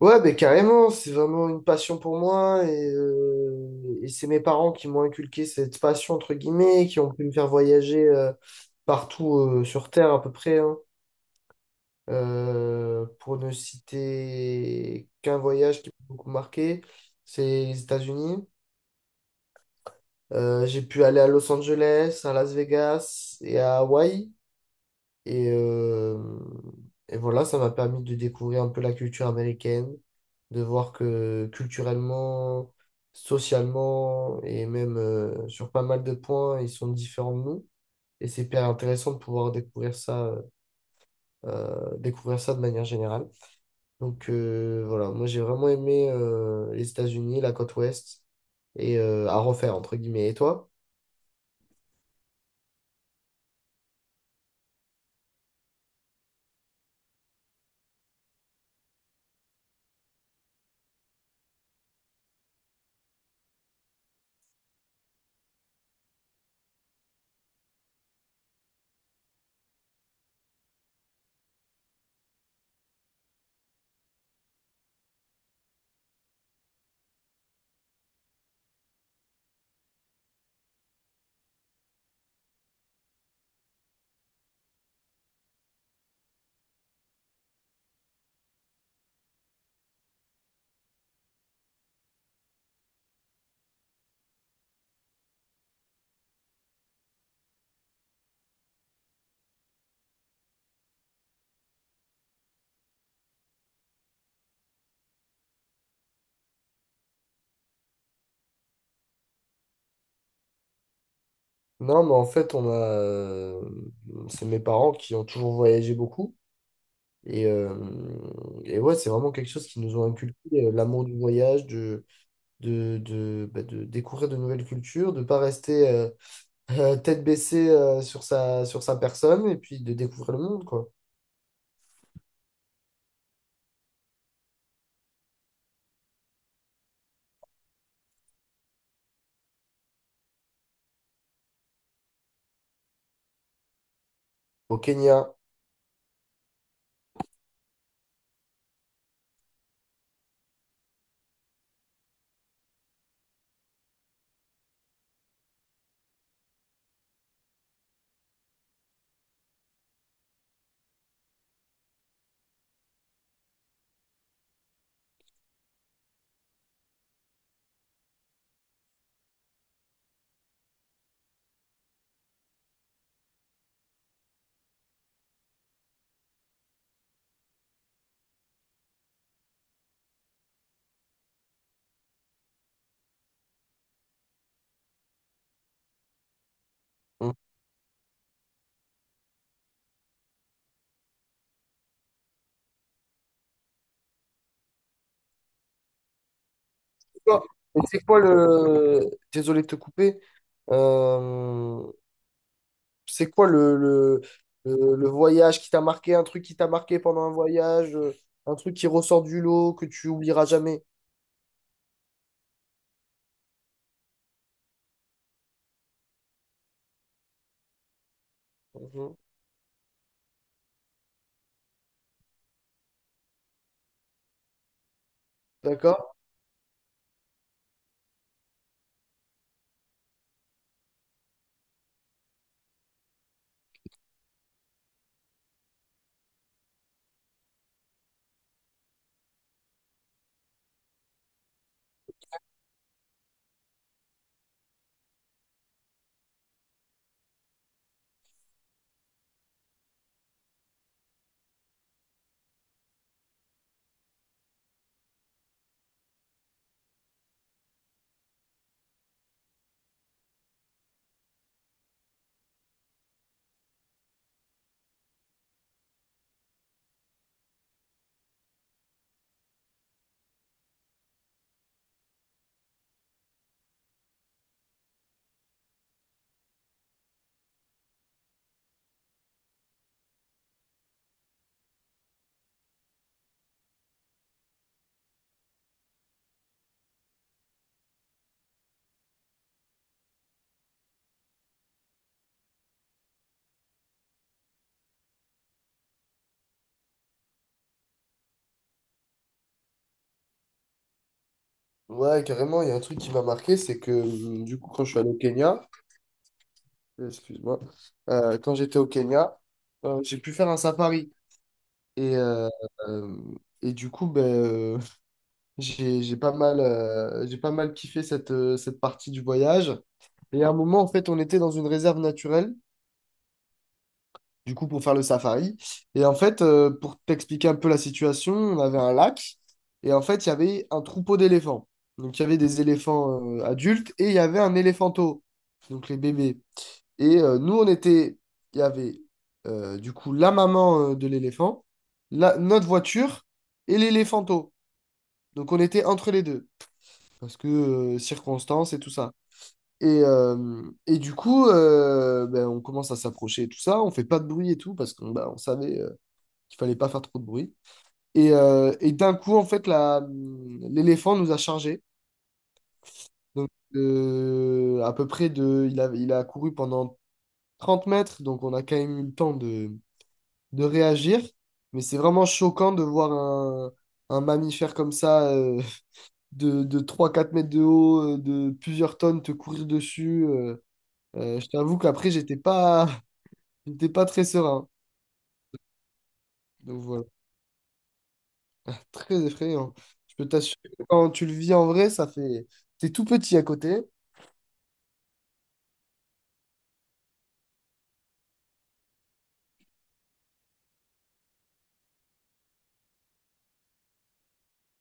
Ouais, ben carrément, c'est vraiment une passion pour moi et c'est mes parents qui m'ont inculqué cette passion, entre guillemets, qui ont pu me faire voyager partout sur Terre à peu près, hein. Pour ne citer qu'un voyage qui m'a beaucoup marqué, c'est les États-Unis. J'ai pu aller à Los Angeles, à Las Vegas et à Hawaï. Et, euh, et voilà, ça m'a permis de découvrir un peu la culture américaine, de voir que culturellement, socialement et même sur pas mal de points, ils sont différents de nous. Et c'est hyper intéressant de pouvoir découvrir ça de manière générale. Donc voilà, moi j'ai vraiment aimé les États-Unis, la côte ouest, et à refaire, entre guillemets. Et toi? Non, mais en fait, c'est mes parents qui ont toujours voyagé beaucoup. Et, euh, et ouais, c'est vraiment quelque chose qui nous ont inculqué, l'amour du voyage, de découvrir de nouvelles cultures, de ne pas rester tête baissée sur sa personne et puis de découvrir le monde, quoi. Au Kenya. On- Et c'est quoi le... Désolé de te couper. Euh, c'est quoi le voyage qui t'a marqué, un truc qui t'a marqué pendant un voyage, un truc qui ressort du lot, que tu oublieras jamais. Mhm. D'accord? Ouais, carrément, il y a un truc qui m'a marqué, c'est que du coup, quand je suis allé au Kenya, excuse-moi, quand j'étais au Kenya, j'ai pu faire un safari. Et, euh, euh, et du coup, j'ai pas mal kiffé cette partie du voyage. Et à un moment, en fait, on était dans une réserve naturelle, du coup, pour faire le safari. Et en fait, pour t'expliquer un peu la situation, on avait un lac. Et en fait, il y avait un troupeau d'éléphants. Donc, il y avait des éléphants, adultes et il y avait un éléphanto, donc les bébés. Et nous, il y avait du coup la maman de l'éléphant, notre voiture et l'éléphanto. Donc on était entre les deux, parce que circonstances et tout ça. Et du coup, ben, on commence à s'approcher et tout ça, on fait pas de bruit et tout, parce qu'on bah, on savait qu'il fallait pas faire trop de bruit. Et d'un coup, en fait, l'éléphant nous a chargés. Donc à peu près de... Il a couru pendant 30 mètres, donc on a quand même eu le temps de réagir, mais c'est vraiment choquant de voir un mammifère comme ça, de trois quatre mètres de haut, de plusieurs tonnes, te courir dessus. Je t'avoue qu'après, j'étais pas, j'étais pas très serein. Donc voilà, très effrayant. Je peux t'assurer que quand tu le vis en vrai, ça fait... T'es tout petit à côté.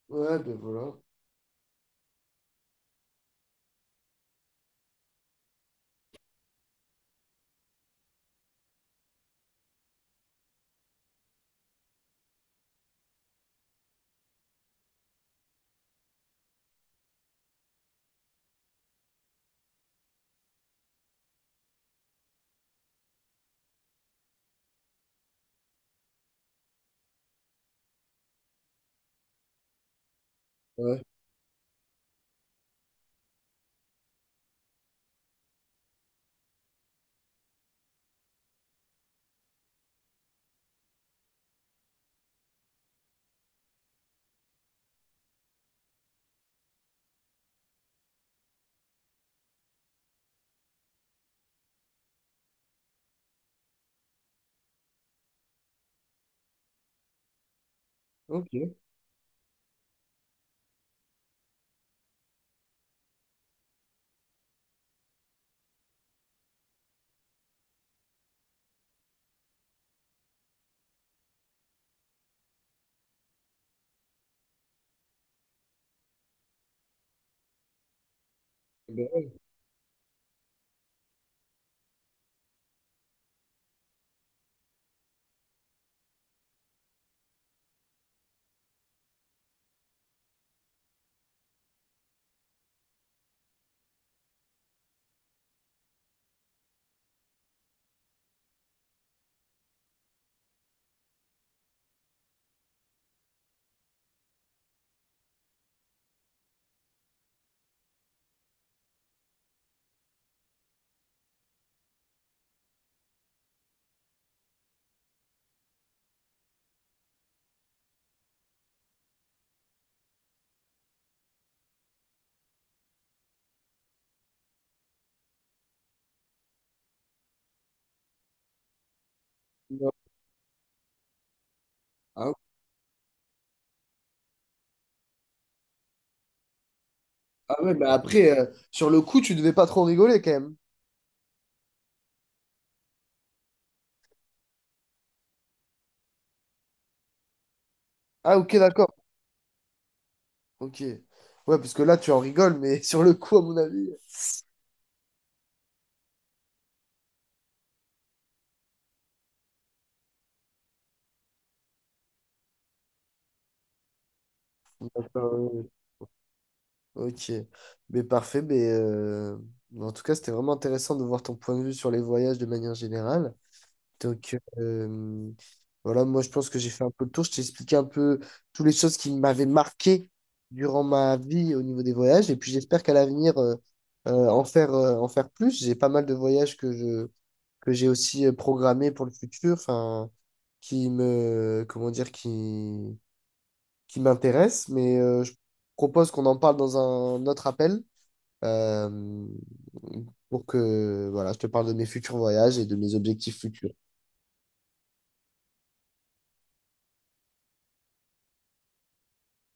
Ouais, ben voilà. Ouais, ok. Eh ben ouais. Ah, ah ouais, mais après, sur le coup, tu devais pas trop rigoler quand même. Ah ok, d'accord. Ok. Ouais, parce que là, tu en rigoles, mais sur le coup, à mon avis. euh, Ok. Mais parfait. Mais en tout cas, c'était vraiment intéressant de voir ton point de vue sur les voyages de manière générale. Donc, voilà, moi, je pense que j'ai fait un peu le tour. Je t'ai expliqué un peu toutes les choses qui m'avaient marqué durant ma vie au niveau des voyages. Et puis, j'espère qu'à l'avenir, en faire plus. J'ai pas mal de voyages que j'ai aussi programmé pour le futur, enfin, qui me, comment dire, qui m'intéresse, mais je propose qu'on en parle dans un autre appel euh, pour que, voilà, je te parle de mes futurs voyages et de mes objectifs futurs.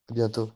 À bientôt.